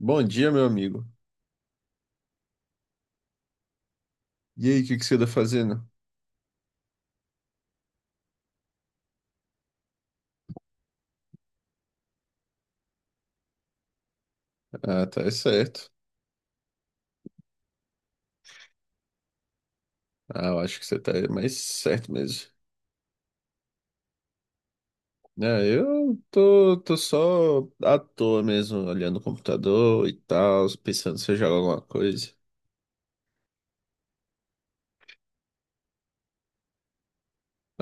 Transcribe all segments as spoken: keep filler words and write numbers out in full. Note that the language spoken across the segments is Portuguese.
Bom dia, meu amigo. E aí, o que que você tá fazendo? Ah, tá certo. Ah, eu acho que você tá mais certo mesmo. É, eu tô, tô só à toa mesmo, olhando o computador e tal, pensando se eu jogo alguma coisa.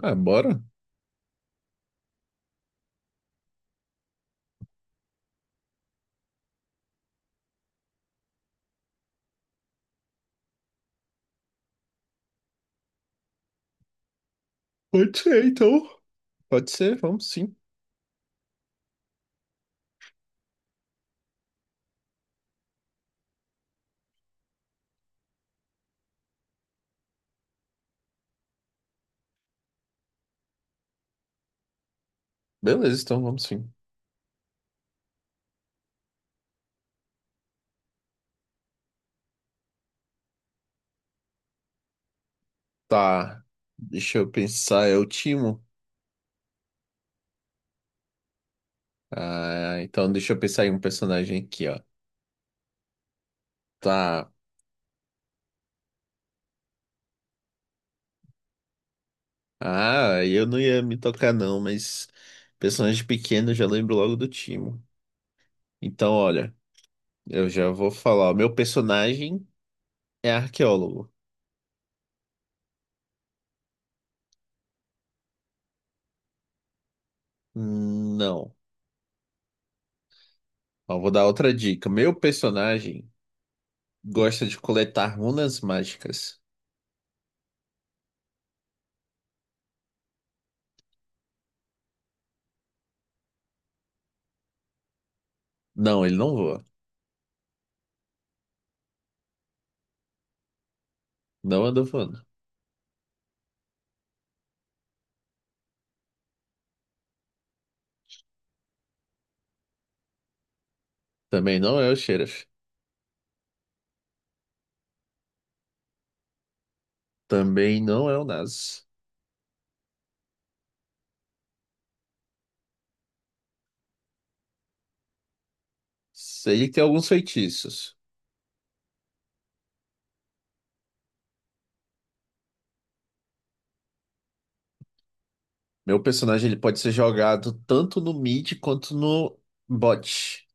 Ah, bora? Pode ser, então. Pode ser, vamos sim. Beleza, então vamos sim. Tá, deixa eu pensar, é o Timo? Ah, então deixa eu pensar em um personagem aqui, ó. Tá. Ah, eu não ia me tocar não, mas personagem pequeno eu já lembro logo do Timo. Então, olha, eu já vou falar. O meu personagem é arqueólogo. Hum, Não. Ó, vou dar outra dica. Meu personagem gosta de coletar runas mágicas. Não, ele não voa. Não anda voando. Também não é o Xerath. Também não é o Nasus. Ele tem alguns feitiços. Meu personagem ele pode ser jogado tanto no mid quanto no bot.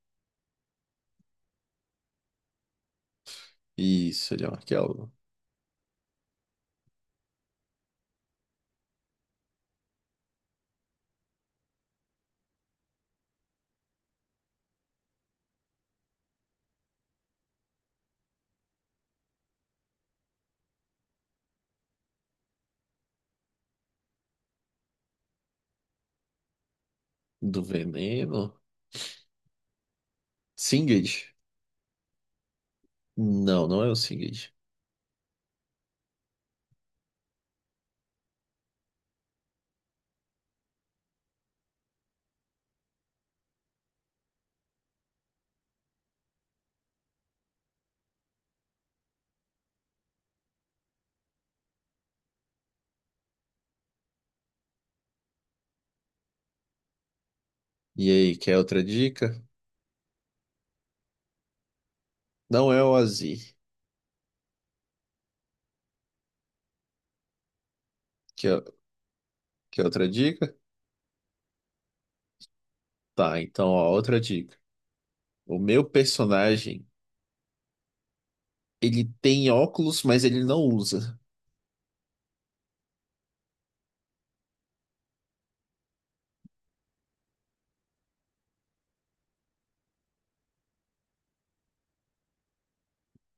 Isso, ele é um arqueólogo. Do veneno? Singed? Não, não é o Singed. E aí, quer outra dica? Não é o Azir. Quer, quer outra dica? Tá, então, ó, outra dica. O meu personagem, ele tem óculos, mas ele não usa.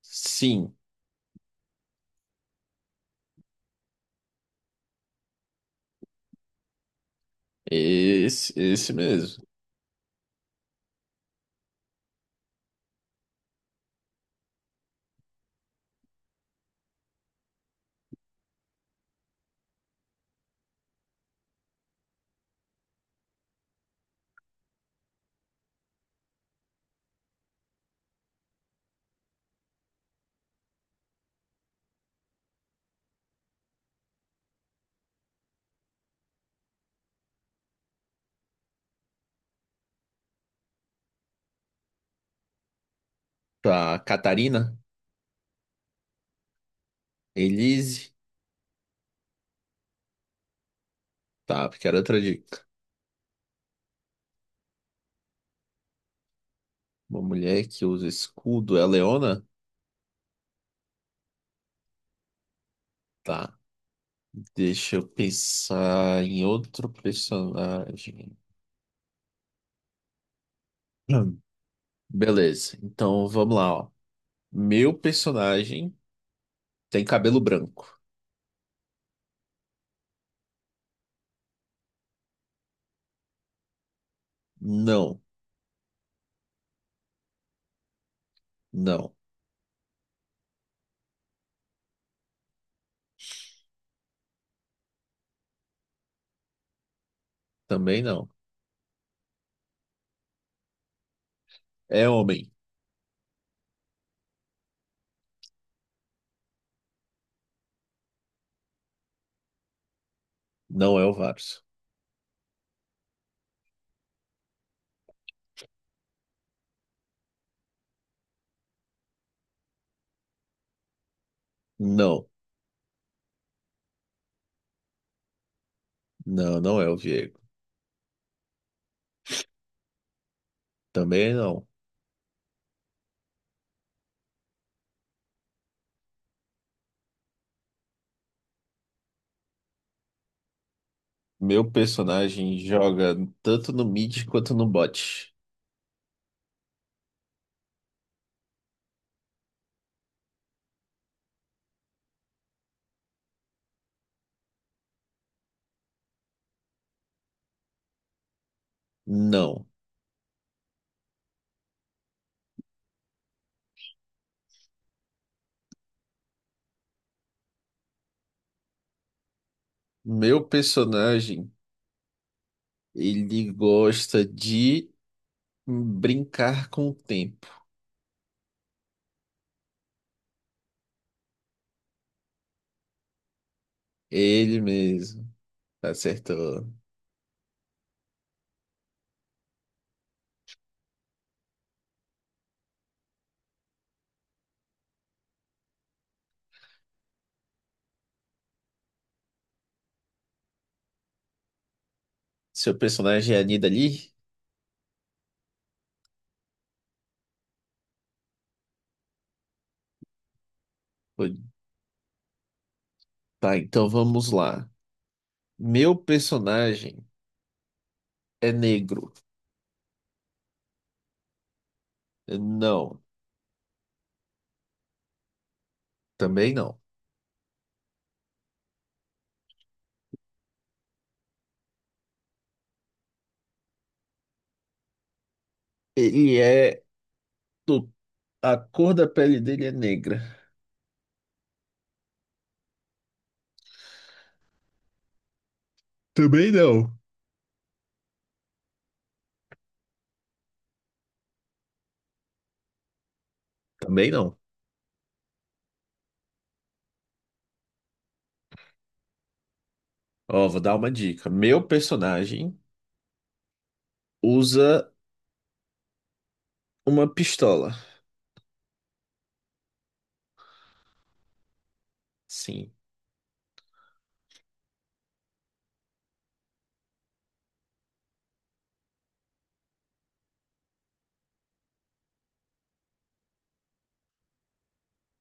Sim, esse, esse mesmo. Tá, Catarina? Elise? Tá, porque era outra dica. Uma mulher que usa escudo é a Leona? Tá, deixa eu pensar em outro personagem. Hum. Beleza, então vamos lá, ó. Meu personagem tem cabelo branco. Não, não, também não. É homem. Não é o Varus. Não, não, não é o Viego. Também não. Meu personagem joga tanto no mid quanto no bot. Não. Meu personagem, ele gosta de brincar com o tempo. Ele mesmo. Acertou. Seu personagem é a Nidalee? Tá, então vamos lá. Meu personagem é negro? Não, também não. Ele é do... A cor da pele dele é negra? Também não. Também não. Ó, vou dar uma dica. Meu personagem usa uma pistola. Sim.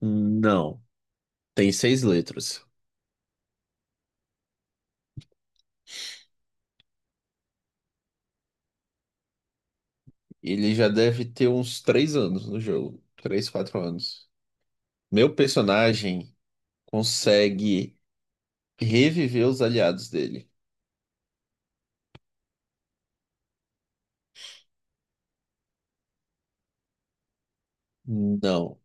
Não. Tem seis letras. Ele já deve ter uns três anos no jogo. Três, quatro anos. Meu personagem consegue reviver os aliados dele? Não.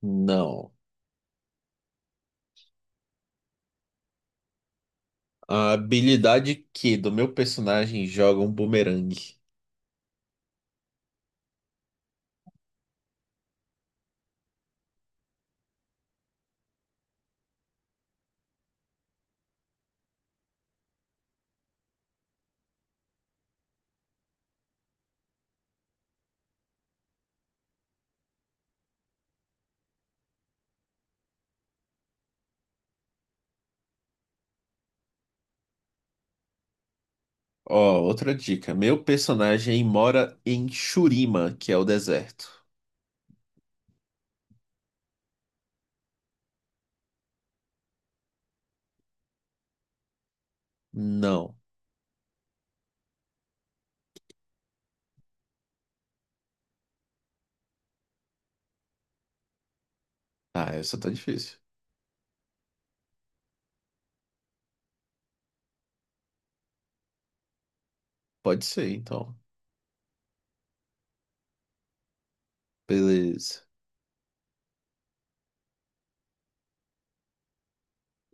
Não. A habilidade quê do meu personagem joga um bumerangue. Ó, outra dica. Meu personagem mora em Shurima, que é o deserto. Não. Ah, essa tá difícil. Pode ser, então. Beleza.